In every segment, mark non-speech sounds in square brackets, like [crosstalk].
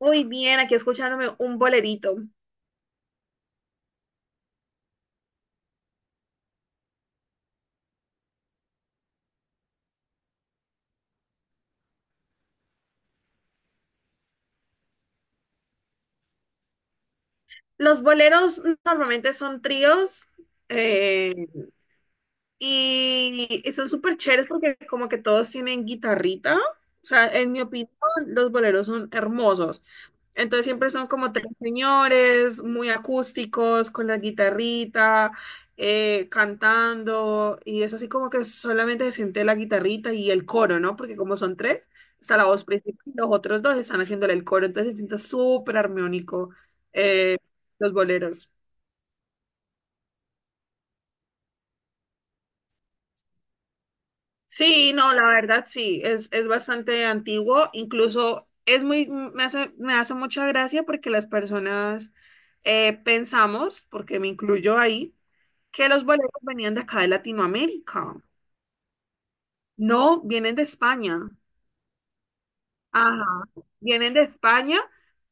Muy bien, aquí escuchándome un bolerito. Los boleros normalmente son tríos, eh, y son súper chéveres porque como que todos tienen guitarrita. O sea, en mi opinión, los boleros son hermosos. Entonces siempre son como tres señores muy acústicos, con la guitarrita, cantando, y es así como que solamente se siente la guitarrita y el coro, ¿no? Porque como son tres, está la voz principal y los otros dos están haciéndole el coro, entonces se siente súper armónico, eh, los boleros. Sí, no, la verdad sí, es bastante antiguo, incluso es muy, me hace mucha gracia porque las personas, pensamos, porque me incluyo ahí, que los boleros venían de acá de Latinoamérica. No, vienen de España. Ajá, vienen de España,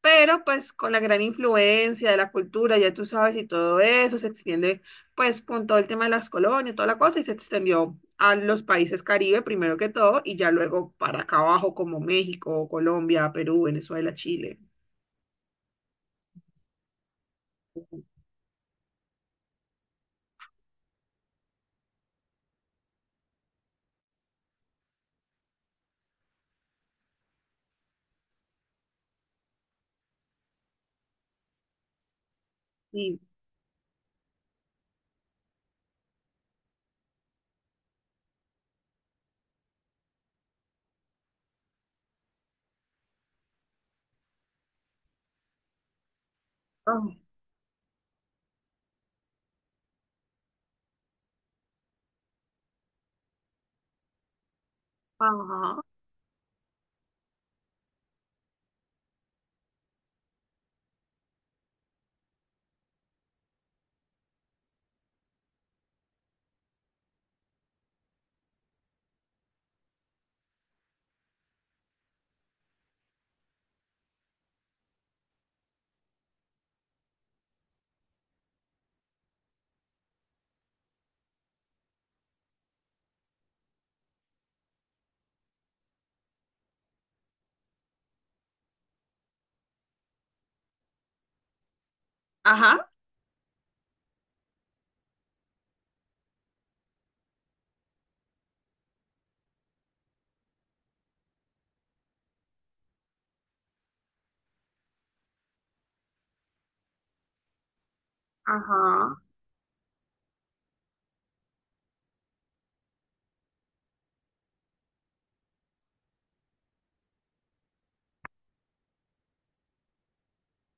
pero pues con la gran influencia de la cultura, ya tú sabes, y todo eso se extiende pues con todo el tema de las colonias, toda la cosa, y se extendió a los países Caribe primero que todo, y ya luego para acá abajo como México, Colombia, Perú, Venezuela, Chile. Sí. Ah. Ajá, ajá, ajá,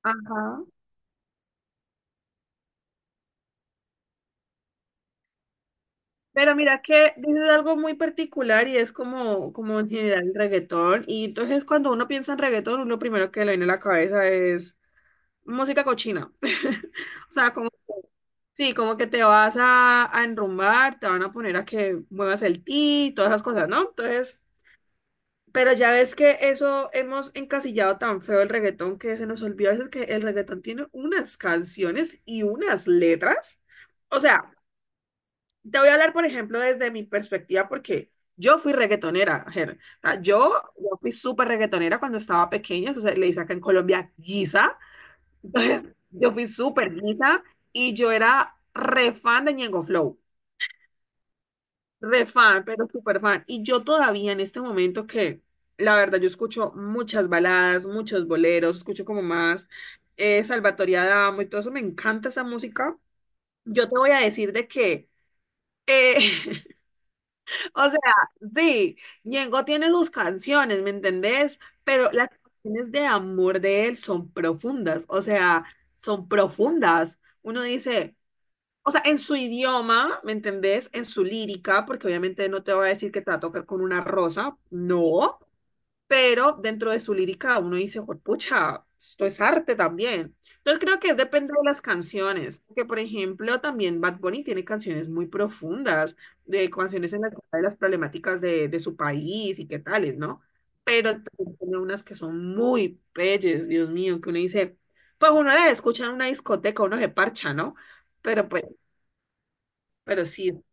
ajá. Pero mira que dices algo muy particular y es como, como en general el reggaetón. Y entonces cuando uno piensa en reggaetón, uno primero que le viene a la cabeza es música cochina. [laughs] O sea, como, sí, como que te vas a enrumbar, te van a poner a que muevas el ti, todas esas cosas, ¿no? Entonces, pero ya ves que eso hemos encasillado tan feo el reggaetón que se nos olvida a veces que el reggaetón tiene unas canciones y unas letras. O sea, te voy a hablar, por ejemplo, desde mi perspectiva, porque yo fui reggaetonera, Ger. O sea, yo fui súper reggaetonera cuando estaba pequeña, o sea, le dice acá en Colombia guisa. Entonces, yo fui súper guisa y yo era re fan de Ñengo Flow, re fan, pero súper fan. Y yo todavía en este momento que, la verdad, yo escucho muchas baladas, muchos boleros, escucho como más, Salvatore Adamo y todo eso, me encanta esa música. Yo te voy a decir de que... eh, [laughs] O sea, sí, Ñengo tiene sus canciones, ¿me entendés? Pero las canciones de amor de él son profundas, o sea, son profundas. Uno dice, o sea, en su idioma, ¿me entendés? En su lírica, porque obviamente no te va a decir que te va a tocar con una rosa, no, pero dentro de su lírica uno dice, pucha, esto es arte también. Entonces creo que es depende de las canciones, porque por ejemplo también Bad Bunny tiene canciones muy profundas, de canciones en las que habla de las problemáticas de su país y qué tales, ¿no? Pero también tiene unas que son muy bellas, Dios mío, que uno dice, pues uno las escucha en una discoteca, uno se parcha, ¿no? Pero pues, pero sí,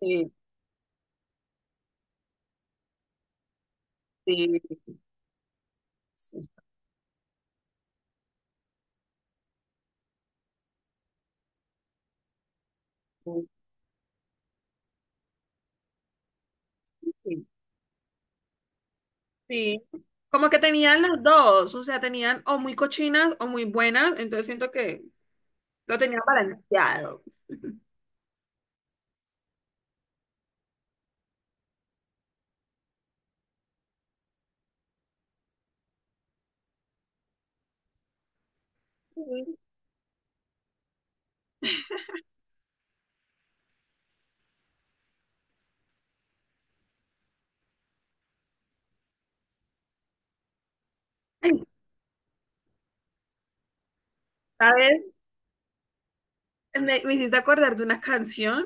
[laughs] sí, sí, sí. Sí, como que tenían las dos, o sea, tenían o muy cochinas o muy buenas, entonces siento que lo tenían balanceado. Sí. Ay, ¿sabes? Me hiciste acordar de una canción,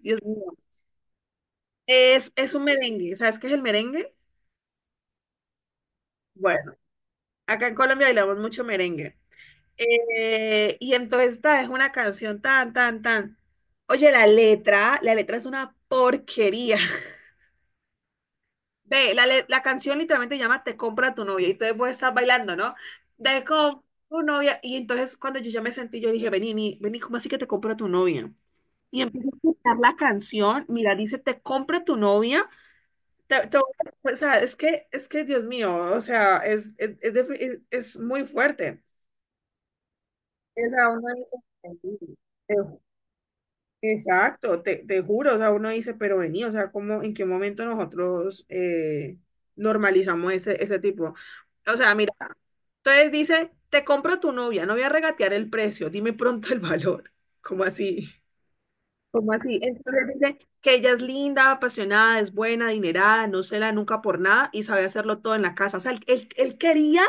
Dios mío, es un merengue, ¿sabes qué es el merengue? Bueno, acá en Colombia bailamos mucho merengue. Y entonces esta es una canción tan, tan, tan. Oye, la letra es una porquería. Ve, la, le- la canción literalmente llama Te compra tu novia y entonces vos estás bailando, ¿no? Te compra tu novia y entonces cuando yo ya me sentí, yo dije, vení, vení, vení, ¿cómo así que te compra tu novia? Y empiezo a escuchar la canción, mira, dice, te compra tu novia. Te- te- o sea, es que, Dios mío, o sea, es, defi- es muy fuerte. Es a uno de mis... Exacto, te juro, o sea, uno dice, pero vení, o sea, ¿cómo, en qué momento nosotros normalizamos ese, ese tipo? O sea, mira, entonces dice, te compro tu novia, no voy a regatear el precio, dime pronto el valor. [laughs] ¿Cómo así? ¿Cómo así? Entonces dice que ella es linda, apasionada, es buena, adinerada, no se la nunca por nada y sabe hacerlo todo en la casa. O sea, él- él quería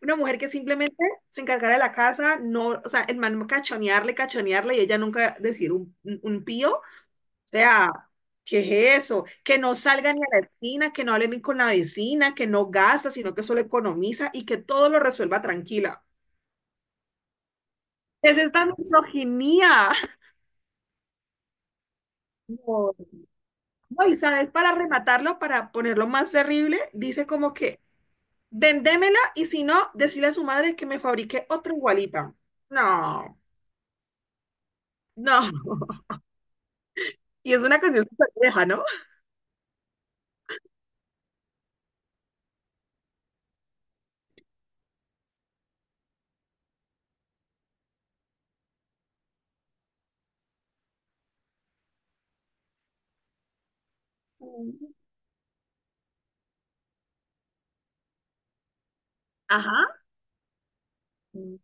una mujer que simplemente se encargara de la casa, no, o sea, el man cachonearle, cachonearle y ella nunca decir un pío sea, ¿qué es eso? Que no salga ni a la esquina, que no hable ni con la vecina, que no gasta, sino que solo economiza y que todo lo resuelva tranquila. ¿Qué Es esta misoginia. No, no, y sabes, para rematarlo, para ponerlo más terrible, dice como que vendémela y si no, decirle a su madre que me fabrique otra igualita. No, no. [laughs] Y es una canción súper vieja, ¿no? Mm. Ajá. Mm.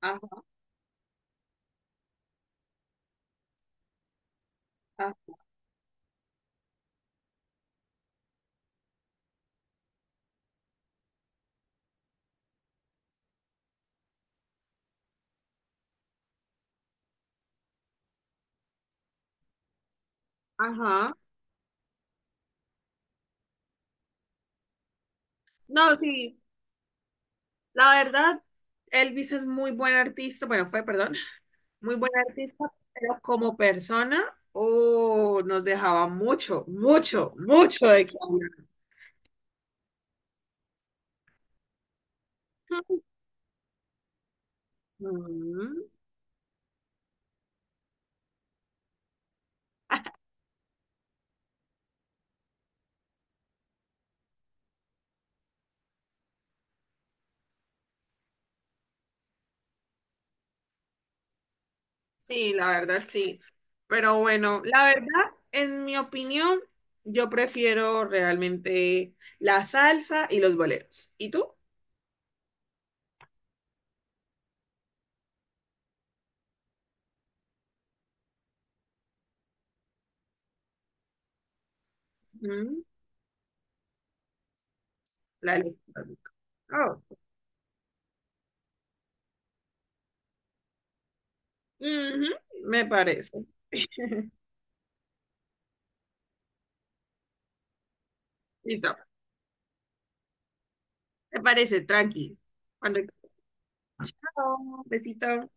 Ajá, ajá. Ajá. No, sí. La verdad, Elvis es muy buen artista, bueno, fue, perdón, muy buen artista, pero como persona, oh, nos dejaba mucho, mucho, mucho de qué hablar. Mm. Sí, la verdad, sí. Pero bueno, la verdad, en mi opinión, yo prefiero realmente la salsa y los boleros. ¿Y tú? Mm, la electrónica. Oh, ujú, me parece. [laughs] Listo. Me parece, tranqui. Cuando Chao, besito.